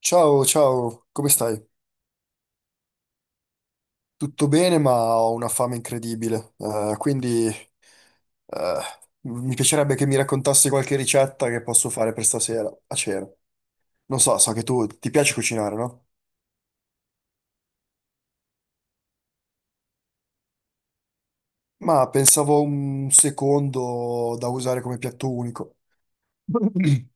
Ciao, ciao, come stai? Tutto bene, ma ho una fame incredibile, quindi eh, mi piacerebbe che mi raccontassi qualche ricetta che posso fare per stasera a cena. Non so, so che tu ti piace cucinare, no? Ma pensavo un secondo da usare come piatto unico.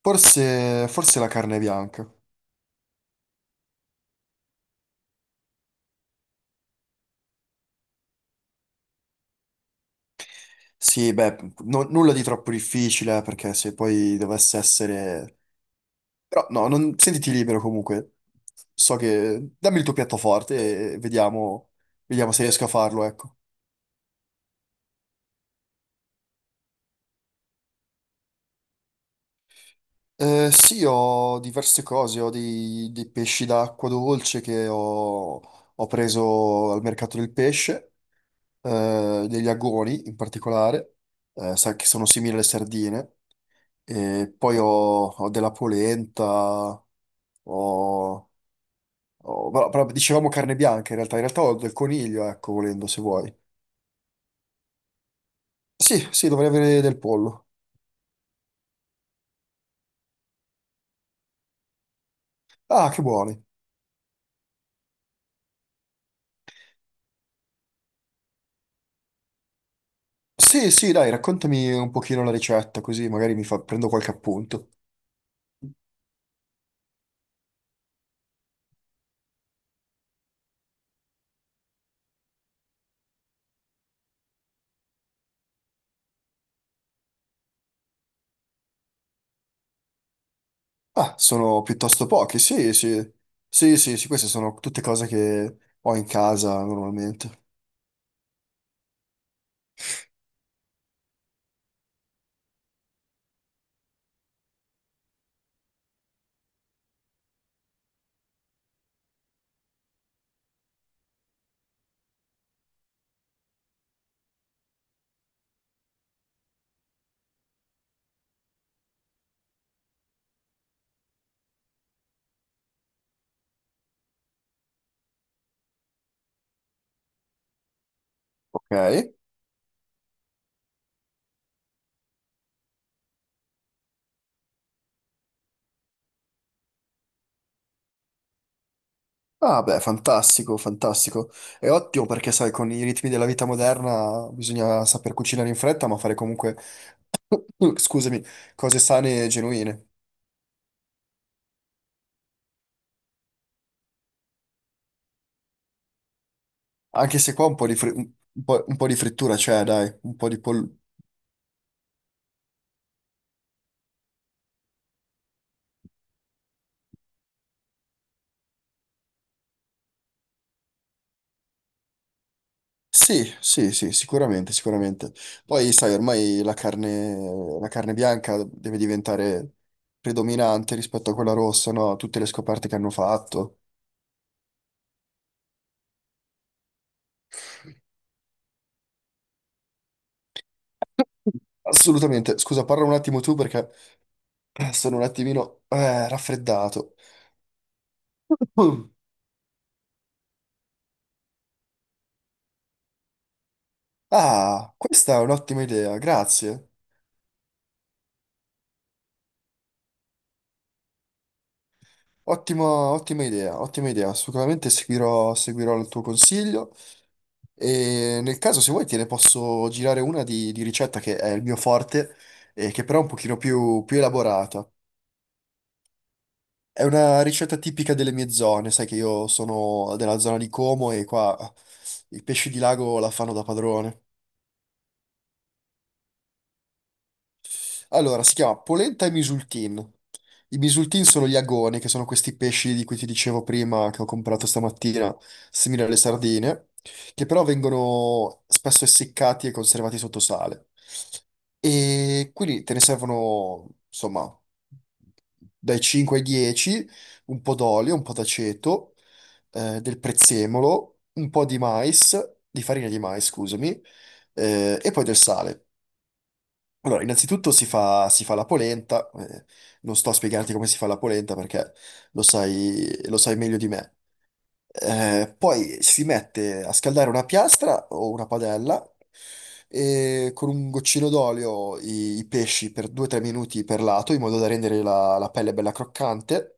Forse la carne bianca. Sì, beh, nulla di troppo difficile, perché se poi dovesse essere. Però no, sentiti libero comunque. So che... Dammi il tuo piattoforte e vediamo, vediamo se riesco a farlo, ecco. Sì, ho diverse cose, ho dei pesci d'acqua dolce che ho, ho preso al mercato del pesce, degli agoni in particolare, sa che sono simili alle sardine, e poi ho, ho della polenta, ho, però dicevamo carne bianca in realtà ho del coniglio, ecco, volendo se vuoi. Sì, sì, dovrei avere del pollo. Ah, che buoni. Sì, sì, dai, raccontami un pochino la ricetta, così magari prendo qualche appunto. Ah, sono piuttosto pochi, sì, sì. Sì, sì, sì, queste sono tutte cose che ho in casa normalmente. Ok. Ah, beh, fantastico, fantastico. È ottimo perché, sai, con i ritmi della vita moderna bisogna saper cucinare in fretta, ma fare comunque, scusami, cose sane e genuine. Anche se qua un po' di frittura c'è, dai, un po' di pollo. Sì, sì, sì, sicuramente, sicuramente. Poi, sai, ormai la carne bianca deve diventare predominante rispetto a quella rossa, no? Tutte le scoperte che hanno fatto. Assolutamente. Scusa, parla un attimo tu perché sono un attimino raffreddato. Mm. Ah, questa è un'ottima idea, grazie. Ottimo, ottima idea, ottima idea. Sicuramente seguirò, seguirò il tuo consiglio e nel caso se vuoi te ne posso girare una di ricetta che è il mio forte e che però è un pochino più elaborata. È una ricetta tipica delle mie zone, sai che io sono della zona di Como e qua i pesci di lago la fanno da padrone. Allora, si chiama polenta e misultin. I misultin sono gli agoni, che sono questi pesci di cui ti dicevo prima, che ho comprato stamattina, simili alle sardine, che però vengono spesso essiccati e conservati sotto sale. E quindi te ne servono, insomma, dai 5 ai 10, un po' d'olio, un po' d'aceto, del prezzemolo, un po' di mais, di farina di mais, scusami, e poi del sale. Allora, innanzitutto si fa la polenta, non sto a spiegarti come si fa la polenta perché lo sai meglio di me. Poi si mette a scaldare una piastra o una padella e con un goccino d'olio i pesci per 2-3 minuti per lato in modo da rendere la, la pelle bella croccante.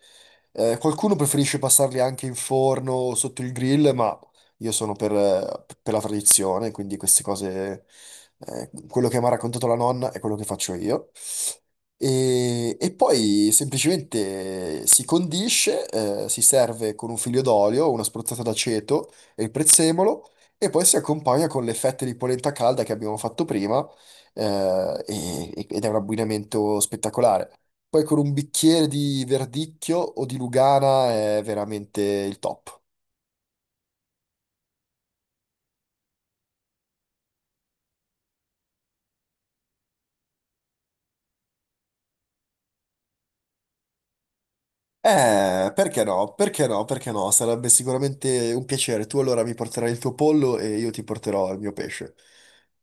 Qualcuno preferisce passarli anche in forno o sotto il grill, ma io sono per la tradizione, quindi queste cose, quello che mi ha raccontato la nonna è quello che faccio io. E poi semplicemente si condisce, si serve con un figlio d'olio, una spruzzata d'aceto e il prezzemolo, e poi si accompagna con le fette di polenta calda che abbiamo fatto prima, ed è un abbinamento spettacolare. Poi con un bicchiere di verdicchio o di Lugana è veramente il top. Perché no? Perché no? Perché no? Sarebbe sicuramente un piacere. Tu allora mi porterai il tuo pollo e io ti porterò il mio pesce.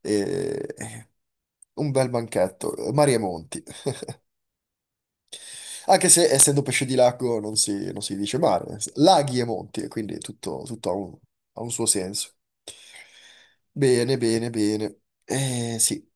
E... eh, Un bel banchetto, mari e monti. Anche se essendo pesce di lago non si dice mare, laghi e monti, quindi tutto, tutto ha un suo senso. Bene, bene, bene. Sì,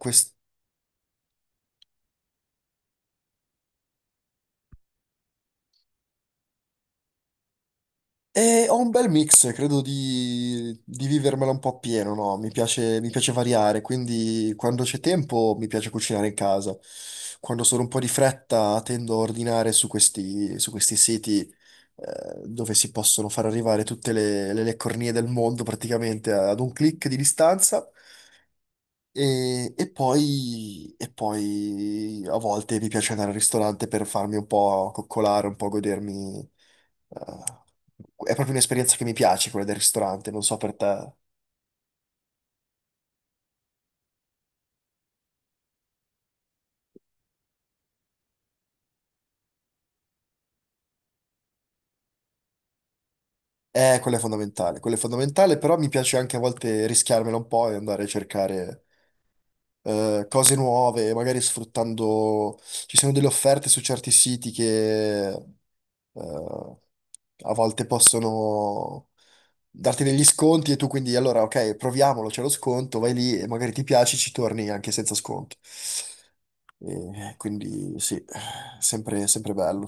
e ho un bel mix, credo di vivermela un po' appieno, no? Mi piace variare, quindi quando c'è tempo mi piace cucinare in casa. Quando sono un po' di fretta tendo a ordinare su questi siti dove si possono far arrivare tutte le cornie del mondo praticamente ad un click di distanza. E poi a volte mi piace andare al ristorante per farmi un po' coccolare, un po' godermi, è proprio un'esperienza che mi piace quella del ristorante, non so per te. Quella è fondamentale, però mi piace anche a volte rischiarmela un po' e andare a cercare cose nuove, magari sfruttando... Ci sono delle offerte su certi siti che a volte possono darti degli sconti e tu quindi allora ok, proviamolo, c'è lo sconto, vai lì e magari ti piace, ci torni anche senza sconti. E quindi sì, sempre, sempre bello.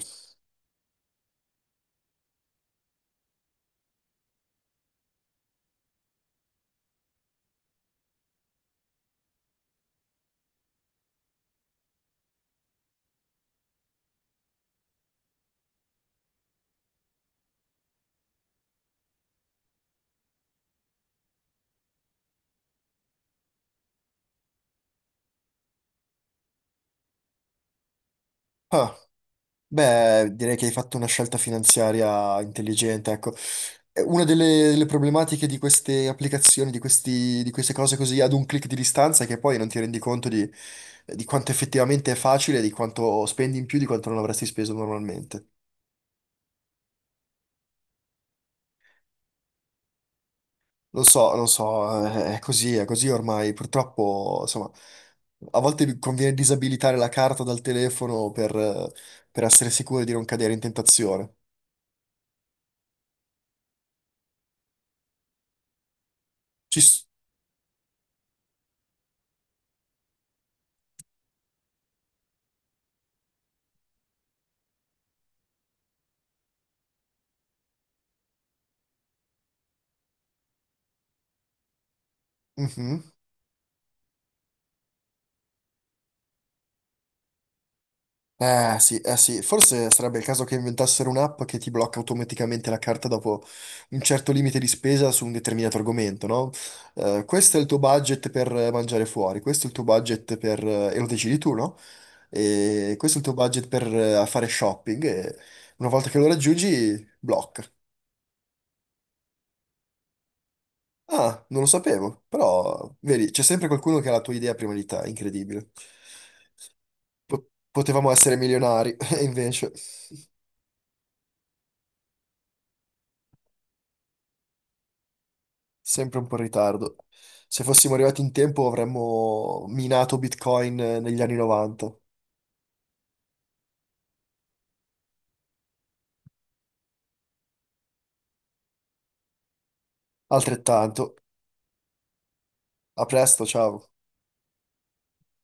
Ah. Beh, direi che hai fatto una scelta finanziaria intelligente, ecco. Una delle, delle problematiche di queste applicazioni, di queste cose così ad un click di distanza, è che poi non ti rendi conto di quanto effettivamente è facile, di quanto spendi in più, di quanto non avresti speso normalmente. Non so, non so, è così ormai. Purtroppo, insomma, a volte conviene disabilitare la carta dal telefono per essere sicuri di non cadere in tentazione. Ci... s- Mhm. Sì, eh sì, forse sarebbe il caso che inventassero un'app che ti blocca automaticamente la carta dopo un certo limite di spesa su un determinato argomento, no? Questo è il tuo budget per mangiare fuori, questo è il tuo budget per... e lo decidi tu, no? E questo è il tuo budget per fare shopping e una volta che lo raggiungi, blocca. Ah, non lo sapevo, però vedi, c'è sempre qualcuno che ha la tua idea prima di te, incredibile. Potevamo essere milionari, e invece... Sempre un po' in ritardo. Se fossimo arrivati in tempo avremmo minato Bitcoin negli anni 90. Altrettanto. A presto, ciao.